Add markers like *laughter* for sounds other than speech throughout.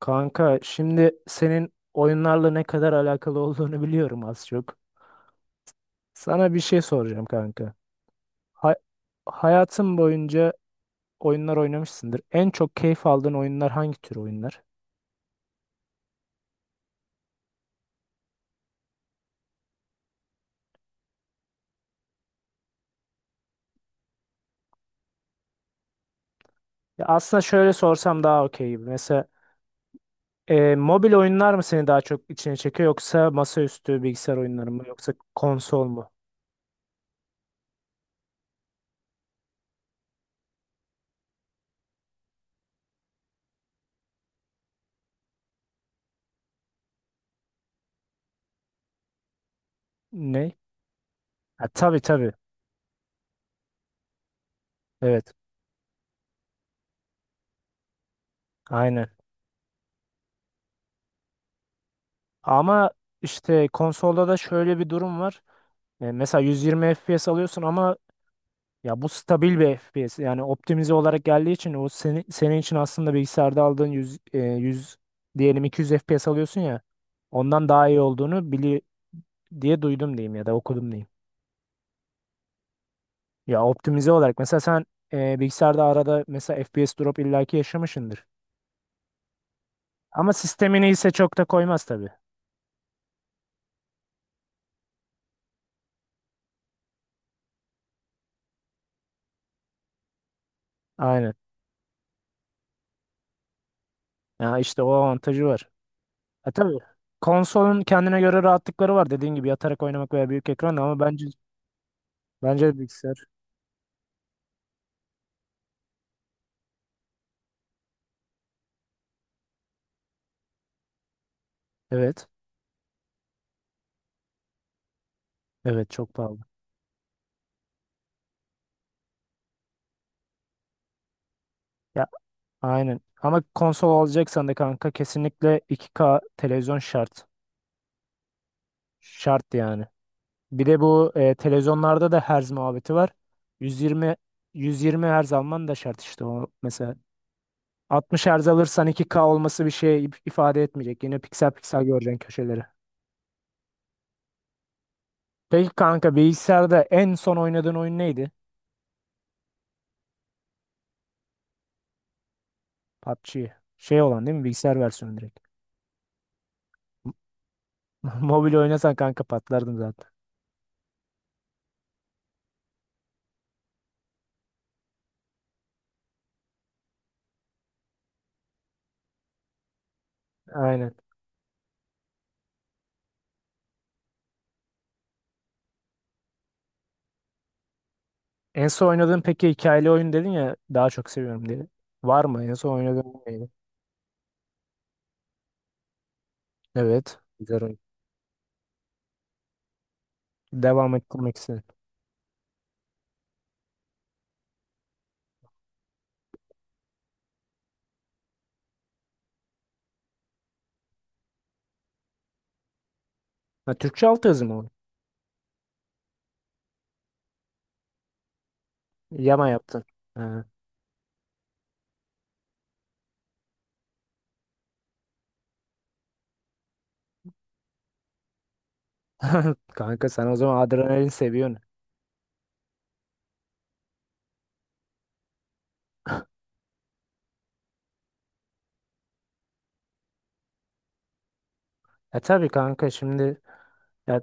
Kanka şimdi senin oyunlarla ne kadar alakalı olduğunu biliyorum az çok. Sana bir şey soracağım kanka. Hay- hayatın boyunca oyunlar oynamışsındır. En çok keyif aldığın oyunlar hangi tür oyunlar? Ya aslında şöyle sorsam daha okey gibi. Mesela, mobil oyunlar mı seni daha çok içine çekiyor, yoksa masaüstü bilgisayar oyunları mı, yoksa konsol mu? Ne? Ha, tabii tabii. Evet. Aynen. Ama işte konsolda da şöyle bir durum var. Mesela 120 FPS alıyorsun ama, ya bu stabil bir FPS. Yani optimize olarak geldiği için o seni, senin için aslında bilgisayarda aldığın 100, diyelim 200 FPS alıyorsun ya. Ondan daha iyi olduğunu diye duydum diyeyim, ya da okudum diyeyim. Ya optimize olarak mesela sen, bilgisayarda arada mesela FPS drop illaki yaşamışsındır. Ama sistemini ise çok da koymaz tabii. Aynen. Ya işte o avantajı var. Ha tabii. Konsolun kendine göre rahatlıkları var, dediğin gibi yatarak oynamak veya büyük ekran, ama bence bilgisayar. Evet, evet, çok pahalı. Aynen. Ama konsol alacaksan da kanka kesinlikle 2K televizyon şart. Şart yani. Bir de bu, televizyonlarda da herz muhabbeti var. 120 120 herz alman da şart işte, o mesela. 60 herz alırsan 2K olması bir şey ifade etmeyecek. Yine piksel piksel göreceksin köşeleri. Peki kanka, bilgisayarda en son oynadığın oyun neydi? PUBG. Şey olan değil mi? Bilgisayar versiyonu direkt. *laughs* Mobil oynasan kanka patlardım zaten. Aynen. En son oynadığın peki hikayeli oyun dedin ya, daha çok seviyorum diye. Var mı, en son oynadığın neydi? Evet. Güzel oyun. Devam ettirmek istedim. Ha, Türkçe alt yazı mı o? Yama yaptın. Ha. *laughs* Kanka sen o zaman adrenalin seviyorsun. E tabii kanka şimdi, ya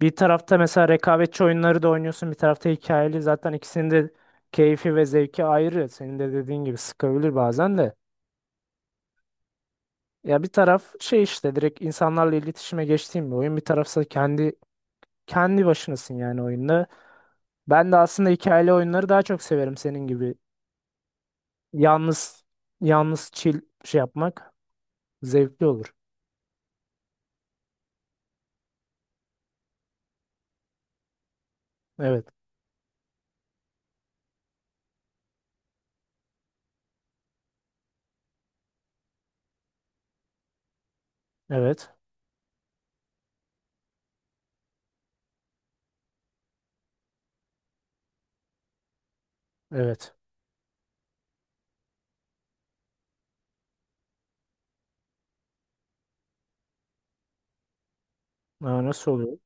bir tarafta mesela rekabetçi oyunları da oynuyorsun, bir tarafta hikayeli, zaten ikisinin de keyfi ve zevki ayrı. Senin de dediğin gibi sıkabilir bazen de. Ya bir taraf şey işte, direkt insanlarla iletişime geçtiğim bir oyun, bir tarafsa kendi başınasın yani oyunda. Ben de aslında hikayeli oyunları daha çok severim senin gibi. Yalnız yalnız chill şey yapmak zevkli olur. Evet. Evet. Evet. Aa, nasıl oluyor?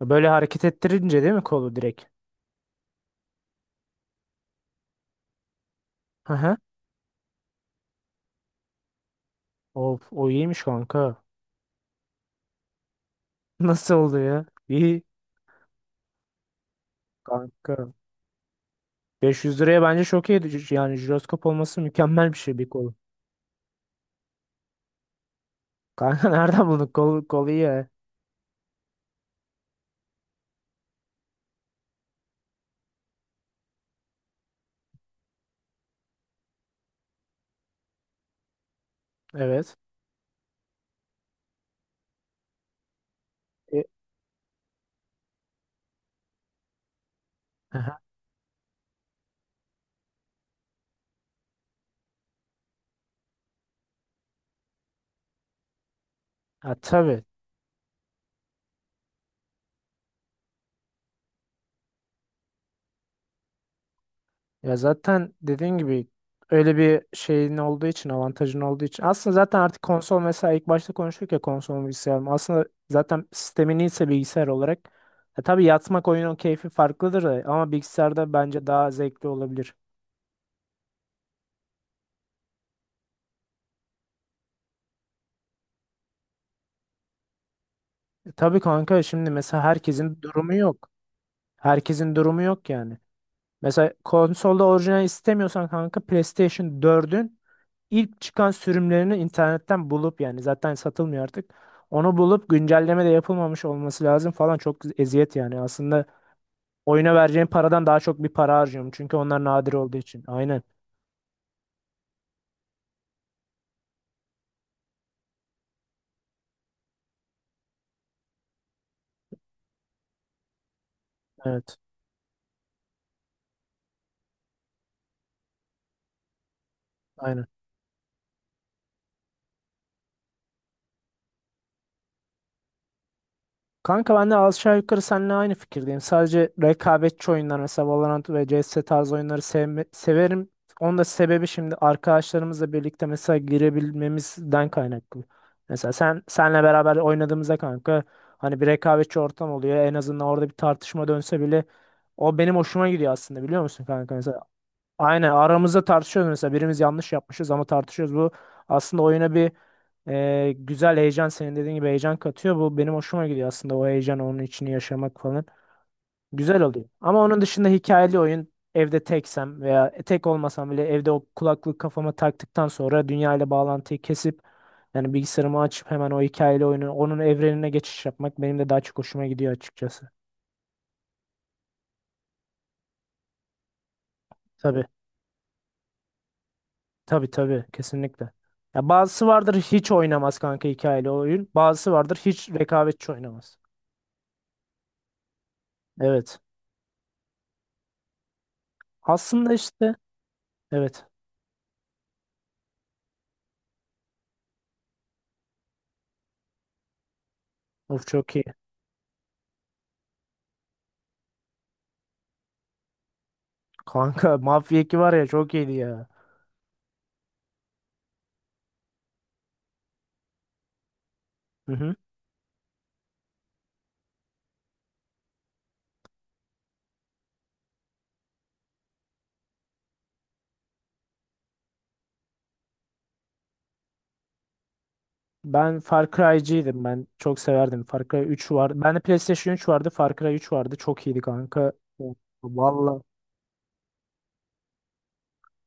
Böyle hareket ettirince değil mi kolu direkt? Hı hı. Of, o iyiymiş kanka. *laughs* Nasıl oldu ya? İyi kanka. 500 liraya bence çok iyi. Yani jiroskop olması mükemmel bir şey bir kolu. Kanka *laughs* nereden buldun? Kolu iyi ya. Evet. E, hı. Ha, tabii. Ya zaten dediğin gibi öyle bir şeyin olduğu için, avantajın olduğu için. Aslında zaten artık konsol, mesela ilk başta konuştuk ya, konsol mu bilgisayar mı? Aslında zaten sistemin ise bilgisayar olarak. E tabii yatmak, oyunun keyfi farklıdır da, ama bilgisayarda bence daha zevkli olabilir. E tabii kanka, şimdi mesela herkesin durumu yok. Herkesin durumu yok yani. Mesela konsolda orijinal istemiyorsan kanka, PlayStation 4'ün İlk çıkan sürümlerini internetten bulup, yani zaten satılmıyor artık. Onu bulup güncelleme de yapılmamış olması lazım falan, çok eziyet yani. Aslında oyuna vereceğim paradan daha çok bir para harcıyorum. Çünkü onlar nadir olduğu için. Aynen. Evet. Aynen. Kanka ben de aşağı yukarı seninle aynı fikirdeyim. Sadece rekabetçi oyunlar, mesela Valorant ve CS tarzı oyunları severim. Onun da sebebi, şimdi arkadaşlarımızla birlikte mesela girebilmemizden kaynaklı. Mesela senle beraber oynadığımızda kanka, hani bir rekabetçi ortam oluyor. En azından orada bir tartışma dönse bile o benim hoşuma gidiyor aslında, biliyor musun kanka, mesela. Aynen, aramızda tartışıyoruz mesela, birimiz yanlış yapmışız ama tartışıyoruz. Bu aslında oyuna bir, güzel heyecan, senin dediğin gibi heyecan katıyor. Bu benim hoşuma gidiyor aslında, o heyecan, onun içini yaşamak falan. Güzel oluyor. Ama onun dışında hikayeli oyun, evde teksem veya tek olmasam bile evde o kulaklık kafama taktıktan sonra dünya ile bağlantıyı kesip, yani bilgisayarımı açıp hemen o hikayeli oyunu, onun evrenine geçiş yapmak benim de daha çok hoşuma gidiyor açıkçası. Tabii tabii tabii, kesinlikle. Ya bazısı vardır hiç oynamaz kanka hikayeli oyun. Bazısı vardır hiç rekabetçi oynamaz. Evet. Aslında işte, evet. Of çok iyi. Kanka *laughs* Mafya 2 var ya, çok iyiydi ya. Hı hı. Ben Far Cry'ciydim. Ben çok severdim. Far Cry 3 vardı. Bende PlayStation 3 vardı. Far Cry 3 vardı. Çok iyiydi kanka. Of, vallahi.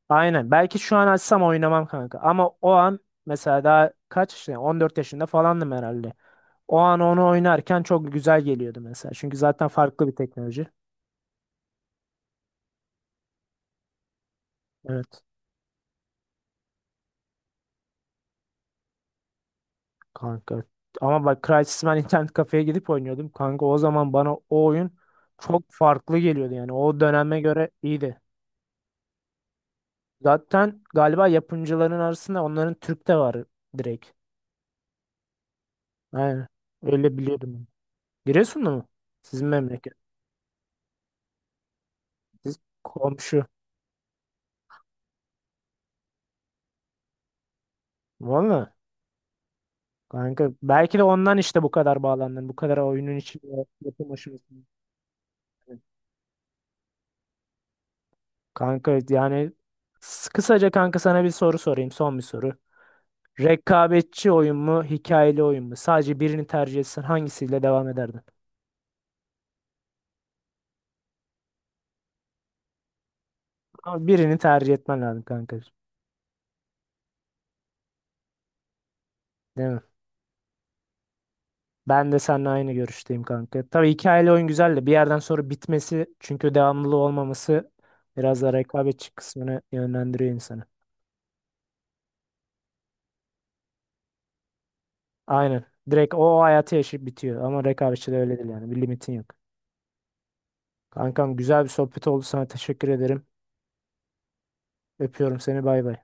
Aynen. Belki şu an açsam oynamam kanka. Ama o an, mesela daha kaç yaşında? 14 yaşında falandım herhalde. O an onu oynarken çok güzel geliyordu mesela. Çünkü zaten farklı bir teknoloji. Evet. Kanka. Ama bak Crysis, ben internet kafeye gidip oynuyordum. Kanka, o zaman bana o oyun çok farklı geliyordu yani. O döneme göre iyiydi. Zaten galiba yapımcıların arasında onların, Türk de var direkt. Aynen. Öyle biliyordum. Giresunlu mu? Sizin memleket. Siz komşu. Valla. Kanka belki de ondan işte bu kadar bağlandın. Bu kadar oyunun içinde, yapım aşamasında. Kanka yani, kısaca kanka sana bir soru sorayım. Son bir soru. Rekabetçi oyun mu, hikayeli oyun mu? Sadece birini tercih etsen hangisiyle devam ederdin? Ama birini tercih etmen lazım kanka. Değil mi? Ben de seninle aynı görüşteyim kanka. Tabii hikayeli oyun güzel de, bir yerden sonra bitmesi, çünkü devamlılığı olmaması biraz da rekabetçi kısmını yönlendiriyor insanı. Aynen. Direkt o hayatı yaşayıp bitiyor. Ama rekabetçi de öyle değil yani. Bir limitin yok. Kankam güzel bir sohbet oldu. Sana teşekkür ederim. Öpüyorum seni. Bay bay.